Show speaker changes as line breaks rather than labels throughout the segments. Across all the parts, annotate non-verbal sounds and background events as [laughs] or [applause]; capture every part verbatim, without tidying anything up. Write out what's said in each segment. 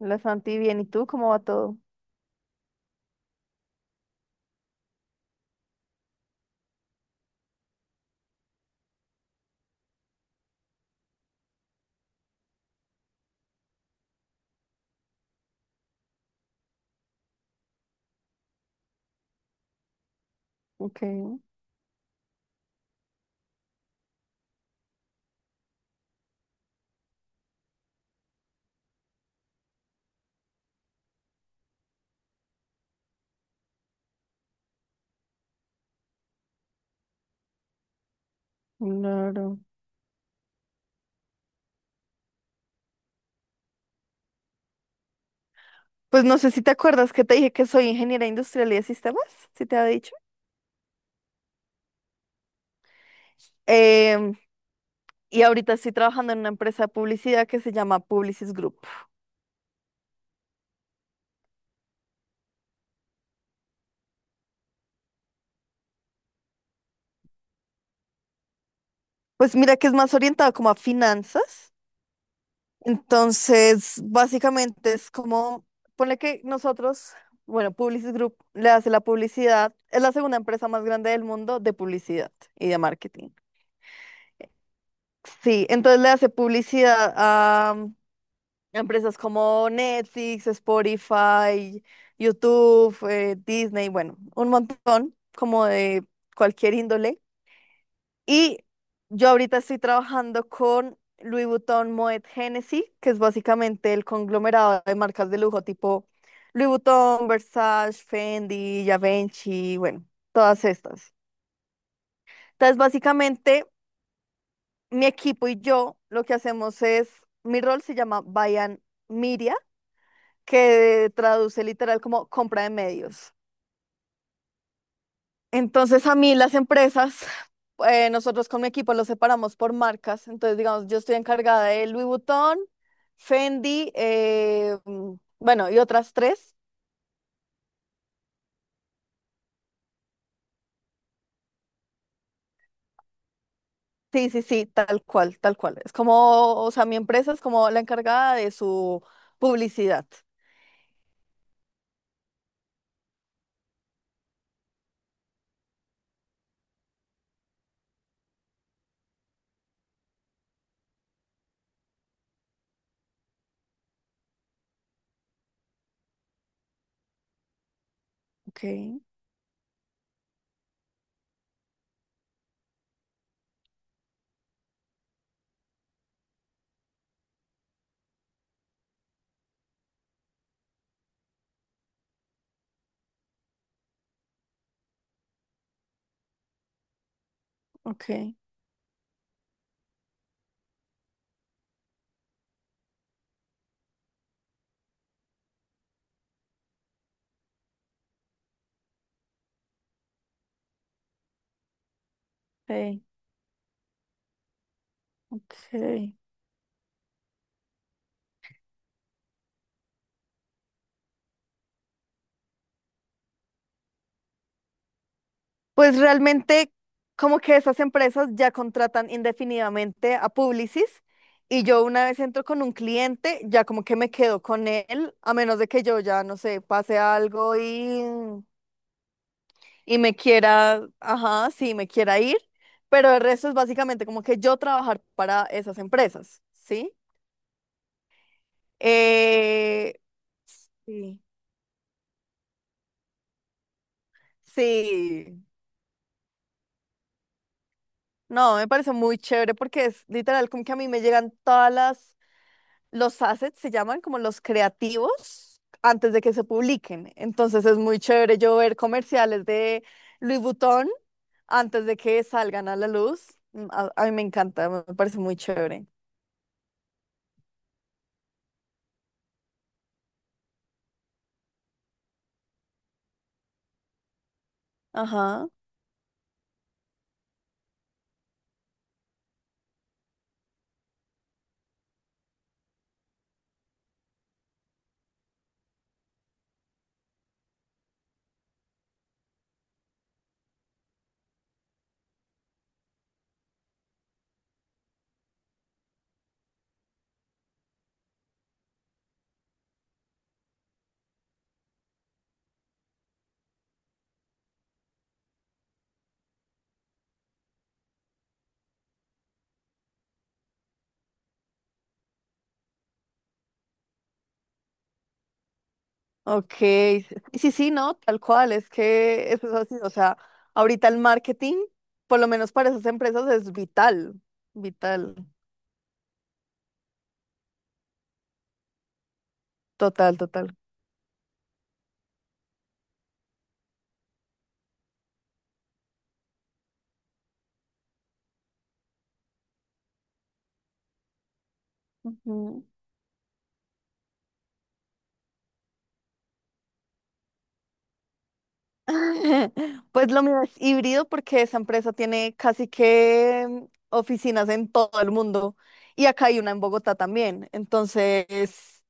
La Santi, bien. ¿Y tú cómo va todo? Ok, claro. Pues no sé si te acuerdas que te dije que soy ingeniera industrial y de sistemas, si te había dicho. Em, y ahorita estoy trabajando en una empresa de publicidad que se llama Publicis Group. Pues mira que es más orientada como a finanzas. Entonces, básicamente es como, ponle que nosotros, bueno, Publicis Group le hace la publicidad, es la segunda empresa más grande del mundo de publicidad y de marketing. Sí, entonces le hace publicidad a empresas como Netflix, Spotify, YouTube, eh, Disney, bueno, un montón como de cualquier índole. Y yo ahorita estoy trabajando con Louis Vuitton Moet Hennessy, que es básicamente el conglomerado de marcas de lujo tipo Louis Vuitton, Versace, Fendi, Givenchy, bueno, todas estas. Entonces, básicamente, mi equipo y yo lo que hacemos es, mi rol se llama Buy and Media, que traduce literal como compra de medios. Entonces a mí las empresas, eh, nosotros con mi equipo los separamos por marcas. Entonces, digamos, yo estoy encargada de Louis Vuitton, Fendi, eh, mm, bueno, y otras tres. Sí, sí, sí, tal cual, tal cual. Es como, o sea, mi empresa es como la encargada de su publicidad. Ok, ok, ok, ok. Pues realmente como que esas empresas ya contratan indefinidamente a Publicis y yo una vez entro con un cliente, ya como que me quedo con él, a menos de que yo ya, no sé, pase algo y, y me quiera, ajá, sí, me quiera ir, pero el resto es básicamente como que yo trabajar para esas empresas, ¿sí? Eh, sí. Sí. No, me parece muy chévere porque es literal como que a mí me llegan todas las los assets, se llaman como los creativos antes de que se publiquen. Entonces es muy chévere yo ver comerciales de Louis Vuitton antes de que salgan a la luz. Mm, A, a mí me encanta, me parece muy chévere. Ajá, ok. Sí, sí, no, tal cual, es que eso es así. O sea, ahorita el marketing, por lo menos para esas empresas, es vital, vital, total, total. Ujú. [laughs] Pues lo mío es híbrido porque esa empresa tiene casi que mm, oficinas en todo el mundo y acá hay una en Bogotá también. Entonces,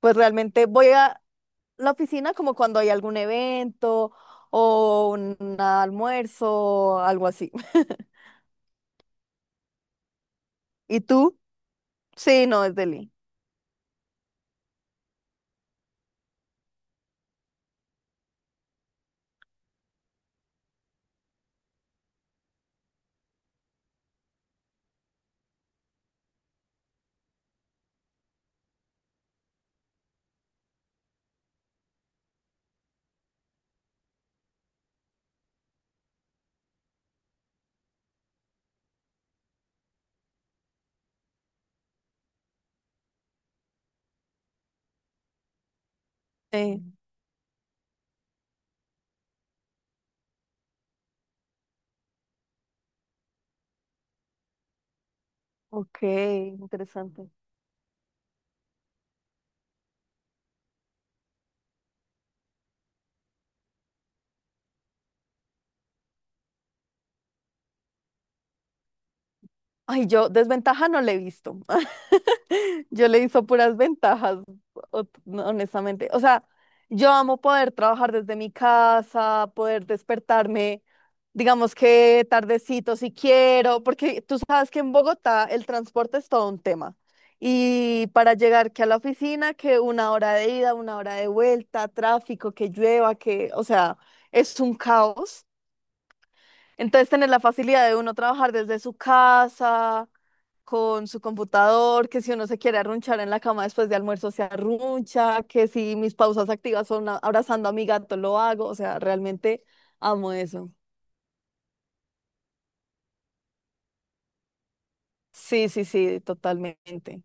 pues realmente voy a la oficina como cuando hay algún evento o un almuerzo, algo así. [laughs] ¿Y tú? Sí, no, es Delhi. Sí. Ok, interesante. Ay, yo desventaja no le he visto. Yo le hizo puras ventajas, o- no, honestamente. O sea, yo amo poder trabajar desde mi casa, poder despertarme, digamos que tardecito si quiero, porque tú sabes que en Bogotá el transporte es todo un tema. Y para llegar que a la oficina, que una hora de ida, una hora de vuelta, tráfico, que llueva, que, o sea, es un caos. Entonces, tener la facilidad de uno trabajar desde su casa con su computador, que si uno se quiere arrunchar en la cama después de almuerzo se arruncha, que si mis pausas activas son a- abrazando a mi gato lo hago, o sea, realmente amo eso. Sí, sí, sí, totalmente,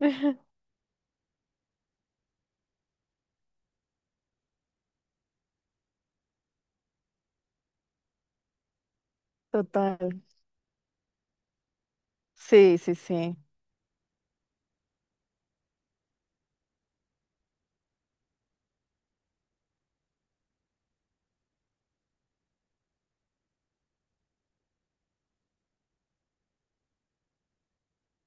[laughs] total. Sí, sí, sí.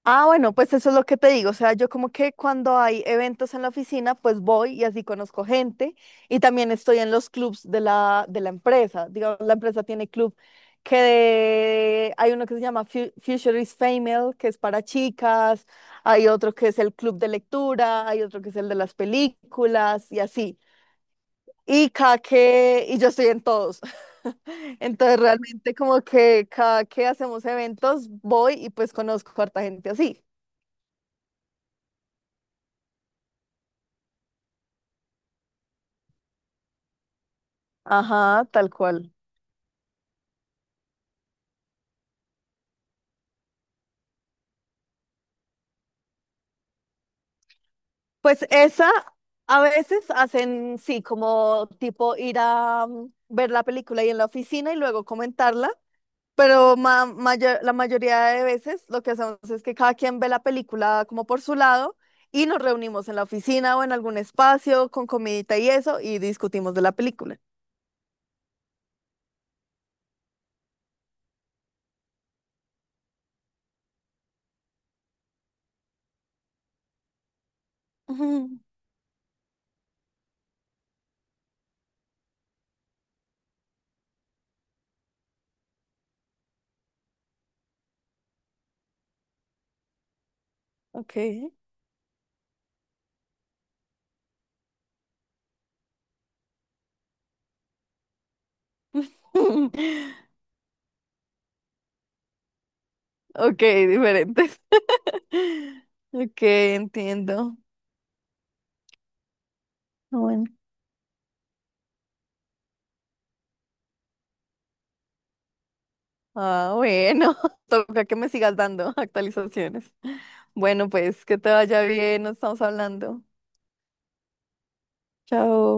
Ah, bueno, pues eso es lo que te digo. O sea, yo como que cuando hay eventos en la oficina, pues voy y así conozco gente. Y también estoy en los clubs de la, de la empresa. Digamos, la empresa tiene club que de- hay uno que se llama Fu- Futurist Female, que es para chicas. Hay otro que es el club de lectura. Hay otro que es el de las películas y así. Y cada que, y yo estoy en todos. [laughs] Entonces realmente como que cada que hacemos eventos voy y pues conozco a harta gente así. Ajá, tal cual. Pues esa a veces hacen, sí, como tipo ir a mm, ver la película ahí en la oficina y luego comentarla, pero ma- mayo- la mayoría de veces lo que hacemos es que cada quien ve la película como por su lado y nos reunimos en la oficina o en algún espacio con comidita y eso y discutimos de la película. Ujú, ok. [laughs] Ok, diferentes. [laughs] Ok, entiendo. Bueno. Ah, bueno, [laughs] toca que me sigas dando actualizaciones. Bueno, pues que te vaya bien, nos estamos hablando. Chao.